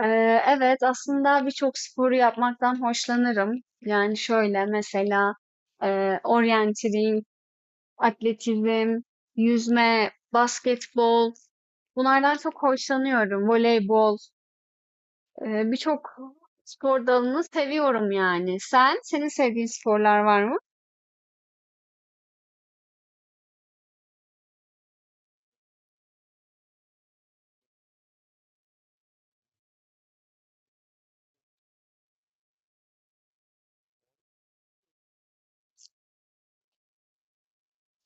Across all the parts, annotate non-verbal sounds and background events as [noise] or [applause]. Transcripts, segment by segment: Evet, aslında birçok sporu yapmaktan hoşlanırım. Yani şöyle mesela oryantiling, atletizm, yüzme, basketbol bunlardan çok hoşlanıyorum. Voleybol, birçok spor dalını seviyorum yani. Senin sevdiğin sporlar var mı?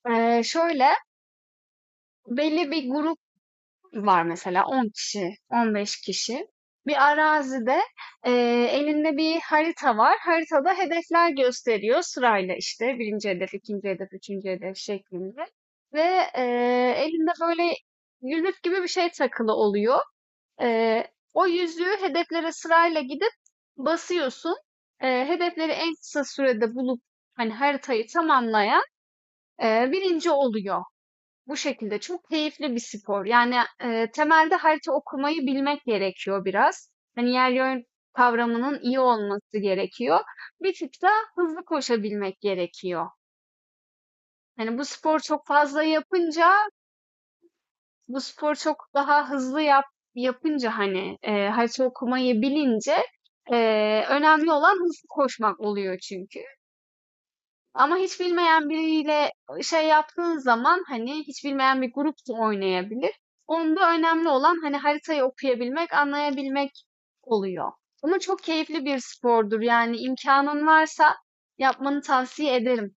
Şöyle belli bir grup var mesela 10 kişi, 15 kişi. Bir arazide e, elinde bir harita var. Haritada hedefler gösteriyor sırayla işte birinci hedef, ikinci hedef, üçüncü hedef şeklinde. Ve e, elinde böyle yüzük gibi bir şey takılı oluyor. E, O yüzüğü hedeflere sırayla gidip basıyorsun. Hedefleri en kısa sürede bulup hani haritayı tamamlayan birinci oluyor. Bu şekilde çok keyifli bir spor. Yani, temelde harita okumayı bilmek gerekiyor biraz. Hani, yer yön kavramının iyi olması gerekiyor. Bir tık da hızlı koşabilmek gerekiyor. Hani, bu spor çok fazla yapınca, bu spor çok daha hızlı yapınca, hani, harita okumayı bilince, önemli olan hızlı koşmak oluyor çünkü. Ama hiç bilmeyen biriyle şey yaptığın zaman hani hiç bilmeyen bir grup da oynayabilir. Onda önemli olan hani haritayı okuyabilmek, anlayabilmek oluyor. Ama çok keyifli bir spordur. Yani imkanın varsa yapmanı tavsiye ederim.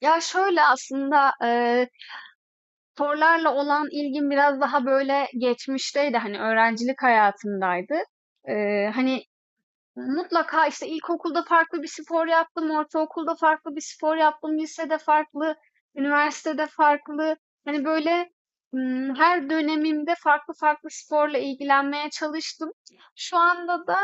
Ya şöyle aslında sporlarla olan ilgim biraz daha böyle geçmişteydi. Hani öğrencilik hayatımdaydı. E, hani Mutlaka işte ilkokulda farklı bir spor yaptım, ortaokulda farklı bir spor yaptım, lisede farklı, üniversitede farklı. Hani böyle her dönemimde farklı farklı sporla ilgilenmeye çalıştım. Şu anda da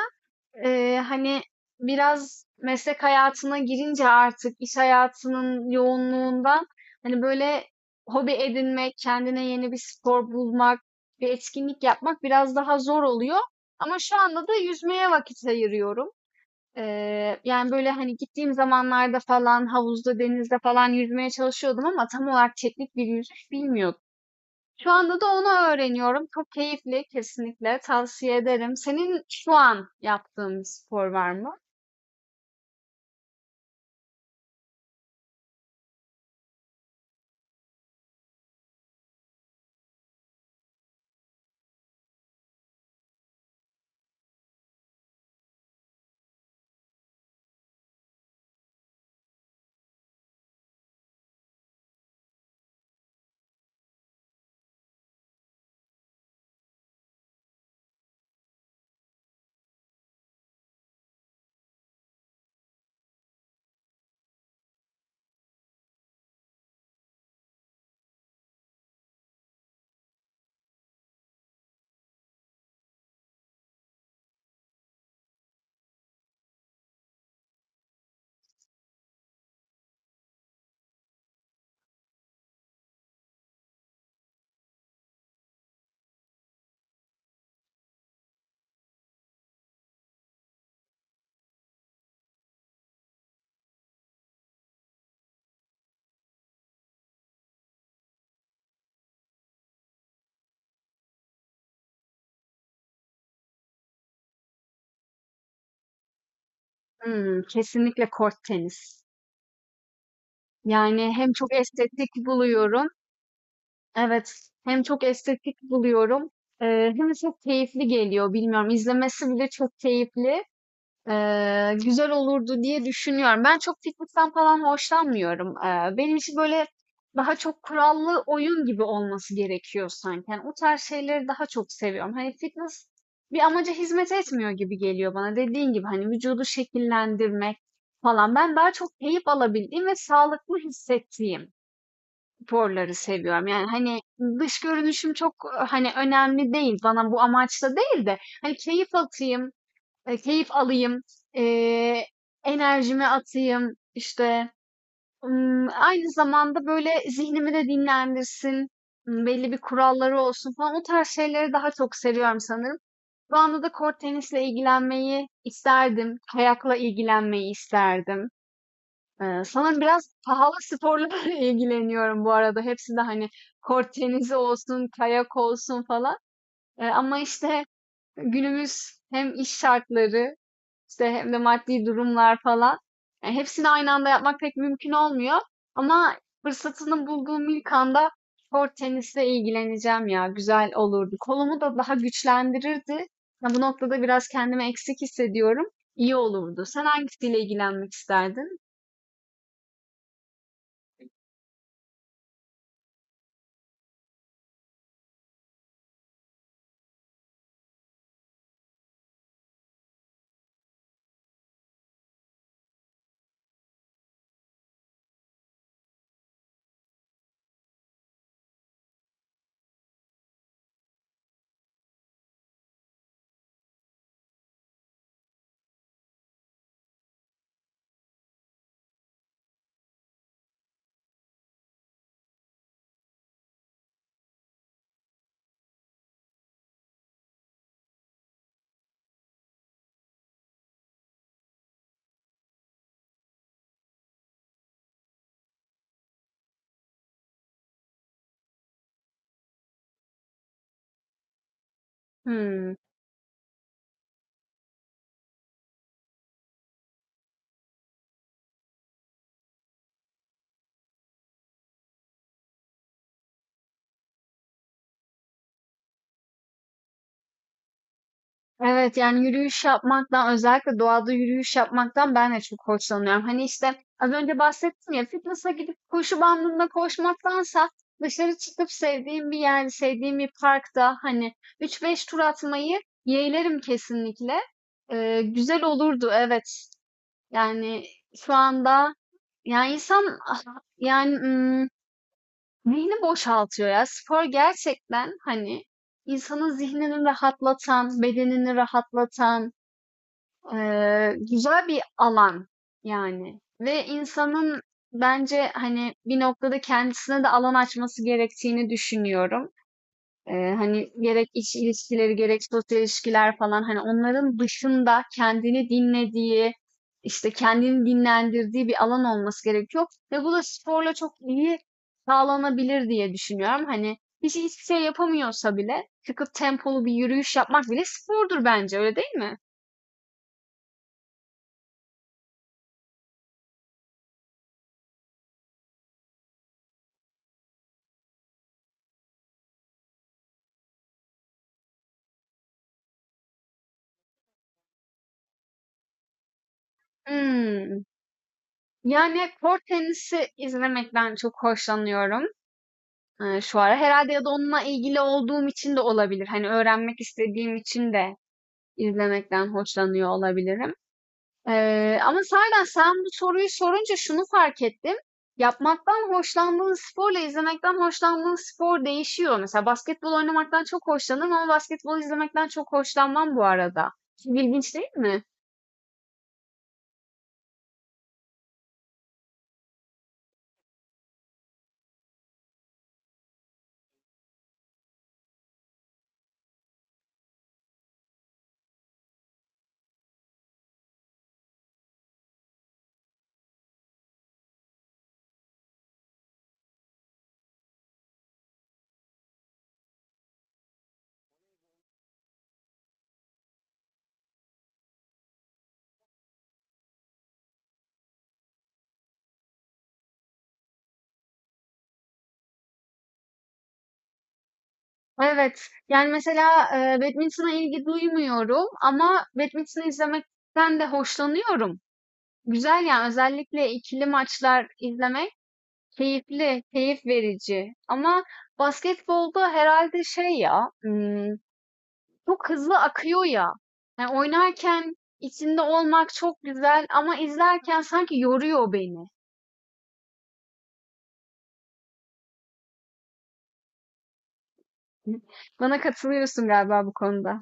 e, hani biraz meslek hayatına girince artık iş hayatının yoğunluğundan hani böyle hobi edinmek, kendine yeni bir spor bulmak, bir etkinlik yapmak biraz daha zor oluyor. Ama şu anda da yüzmeye vakit ayırıyorum. Yani, böyle, hani, gittiğim zamanlarda falan havuzda, denizde falan yüzmeye çalışıyordum ama tam olarak teknik bir yüzüş bilmiyordum. Şu anda da onu öğreniyorum. Çok keyifli, kesinlikle tavsiye ederim. Senin şu an yaptığın bir spor var mı? Hımm, kesinlikle kort tenis. Yani, hem çok estetik buluyorum. Evet, hem çok estetik buluyorum, hem de çok keyifli geliyor. Bilmiyorum, izlemesi bile çok keyifli. Güzel olurdu diye düşünüyorum. Ben çok fitness'ten falan hoşlanmıyorum. Benim için böyle daha çok kurallı oyun gibi olması gerekiyor sanki. Yani o tarz şeyleri daha çok seviyorum. Hani fitness bir amaca hizmet etmiyor gibi geliyor bana. Dediğin gibi hani vücudu şekillendirmek falan. Ben daha çok keyif alabildiğim ve sağlıklı hissettiğim sporları seviyorum. Yani hani dış görünüşüm çok hani önemli değil. Bana bu amaçla değil de hani keyif atayım, keyif alayım, eee, enerjimi atayım işte. Hmm, aynı zamanda böyle zihnimi de dinlendirsin, hmm, belli bir kuralları olsun falan o tarz şeyleri daha çok seviyorum sanırım. Şu anda da kort tenisle ilgilenmeyi isterdim, kayakla ilgilenmeyi isterdim. Sanırım biraz pahalı sporlarla [laughs] ilgileniyorum bu arada. Hepsi de hani kort tenisi olsun, kayak olsun falan. Ama işte günümüz hem iş şartları işte hem de maddi durumlar falan. Yani hepsini aynı anda yapmak pek mümkün olmuyor. Ama fırsatını bulduğum ilk anda kort tenisle ilgileneceğim ya. Güzel olurdu. Kolumu da daha güçlendirirdi. Ya bu noktada biraz kendimi eksik hissediyorum. İyi olurdu. Sen hangisiyle ilgilenmek isterdin? Hmm. Evet yani yürüyüş yapmaktan özellikle doğada yürüyüş yapmaktan ben de çok hoşlanıyorum. Hani işte az önce bahsettim ya fitness'a gidip koşu bandında koşmaktansa dışarı çıkıp sevdiğim bir yerde, sevdiğim bir parkta hani üç beş tur atmayı yeğlerim kesinlikle. Güzel olurdu evet. Yani şu anda yani insan ah, yani ım, zihni boşaltıyor ya. Spor gerçekten hani insanın zihnini rahatlatan, bedenini rahatlatan güzel bir alan yani ve insanın bence hani bir noktada kendisine de alan açması gerektiğini düşünüyorum. Hani gerek iş ilişkileri gerek sosyal ilişkiler falan hani onların dışında kendini dinlediği işte kendini dinlendirdiği bir alan olması gerekiyor ve bu da sporla çok iyi sağlanabilir diye düşünüyorum. Hani kişi hiçbir şey yapamıyorsa bile çıkıp tempolu bir yürüyüş yapmak bile spordur bence öyle değil mi? Hmm. Yani, kort tenisi izlemekten çok hoşlanıyorum, şu ara. Herhalde ya da onunla ilgili olduğum için de olabilir. Hani, öğrenmek istediğim için de izlemekten hoşlanıyor olabilirim. Ama sahiden sen bu soruyu sorunca şunu fark ettim. Yapmaktan hoşlandığın sporla izlemekten hoşlandığın spor değişiyor. Mesela basketbol oynamaktan çok hoşlanırım ama basketbol izlemekten çok hoşlanmam bu arada. Çok ilginç değil mi? Evet. Yani mesela, badminton'a ilgi duymuyorum ama badminton'u izlemekten de hoşlanıyorum. Güzel yani özellikle ikili maçlar izlemek keyifli, keyif verici. Ama basketbolda herhalde şey ya, çok hızlı akıyor ya. Yani oynarken içinde olmak çok güzel ama izlerken sanki yoruyor beni. [laughs] Bana katılıyorsun galiba bu konuda.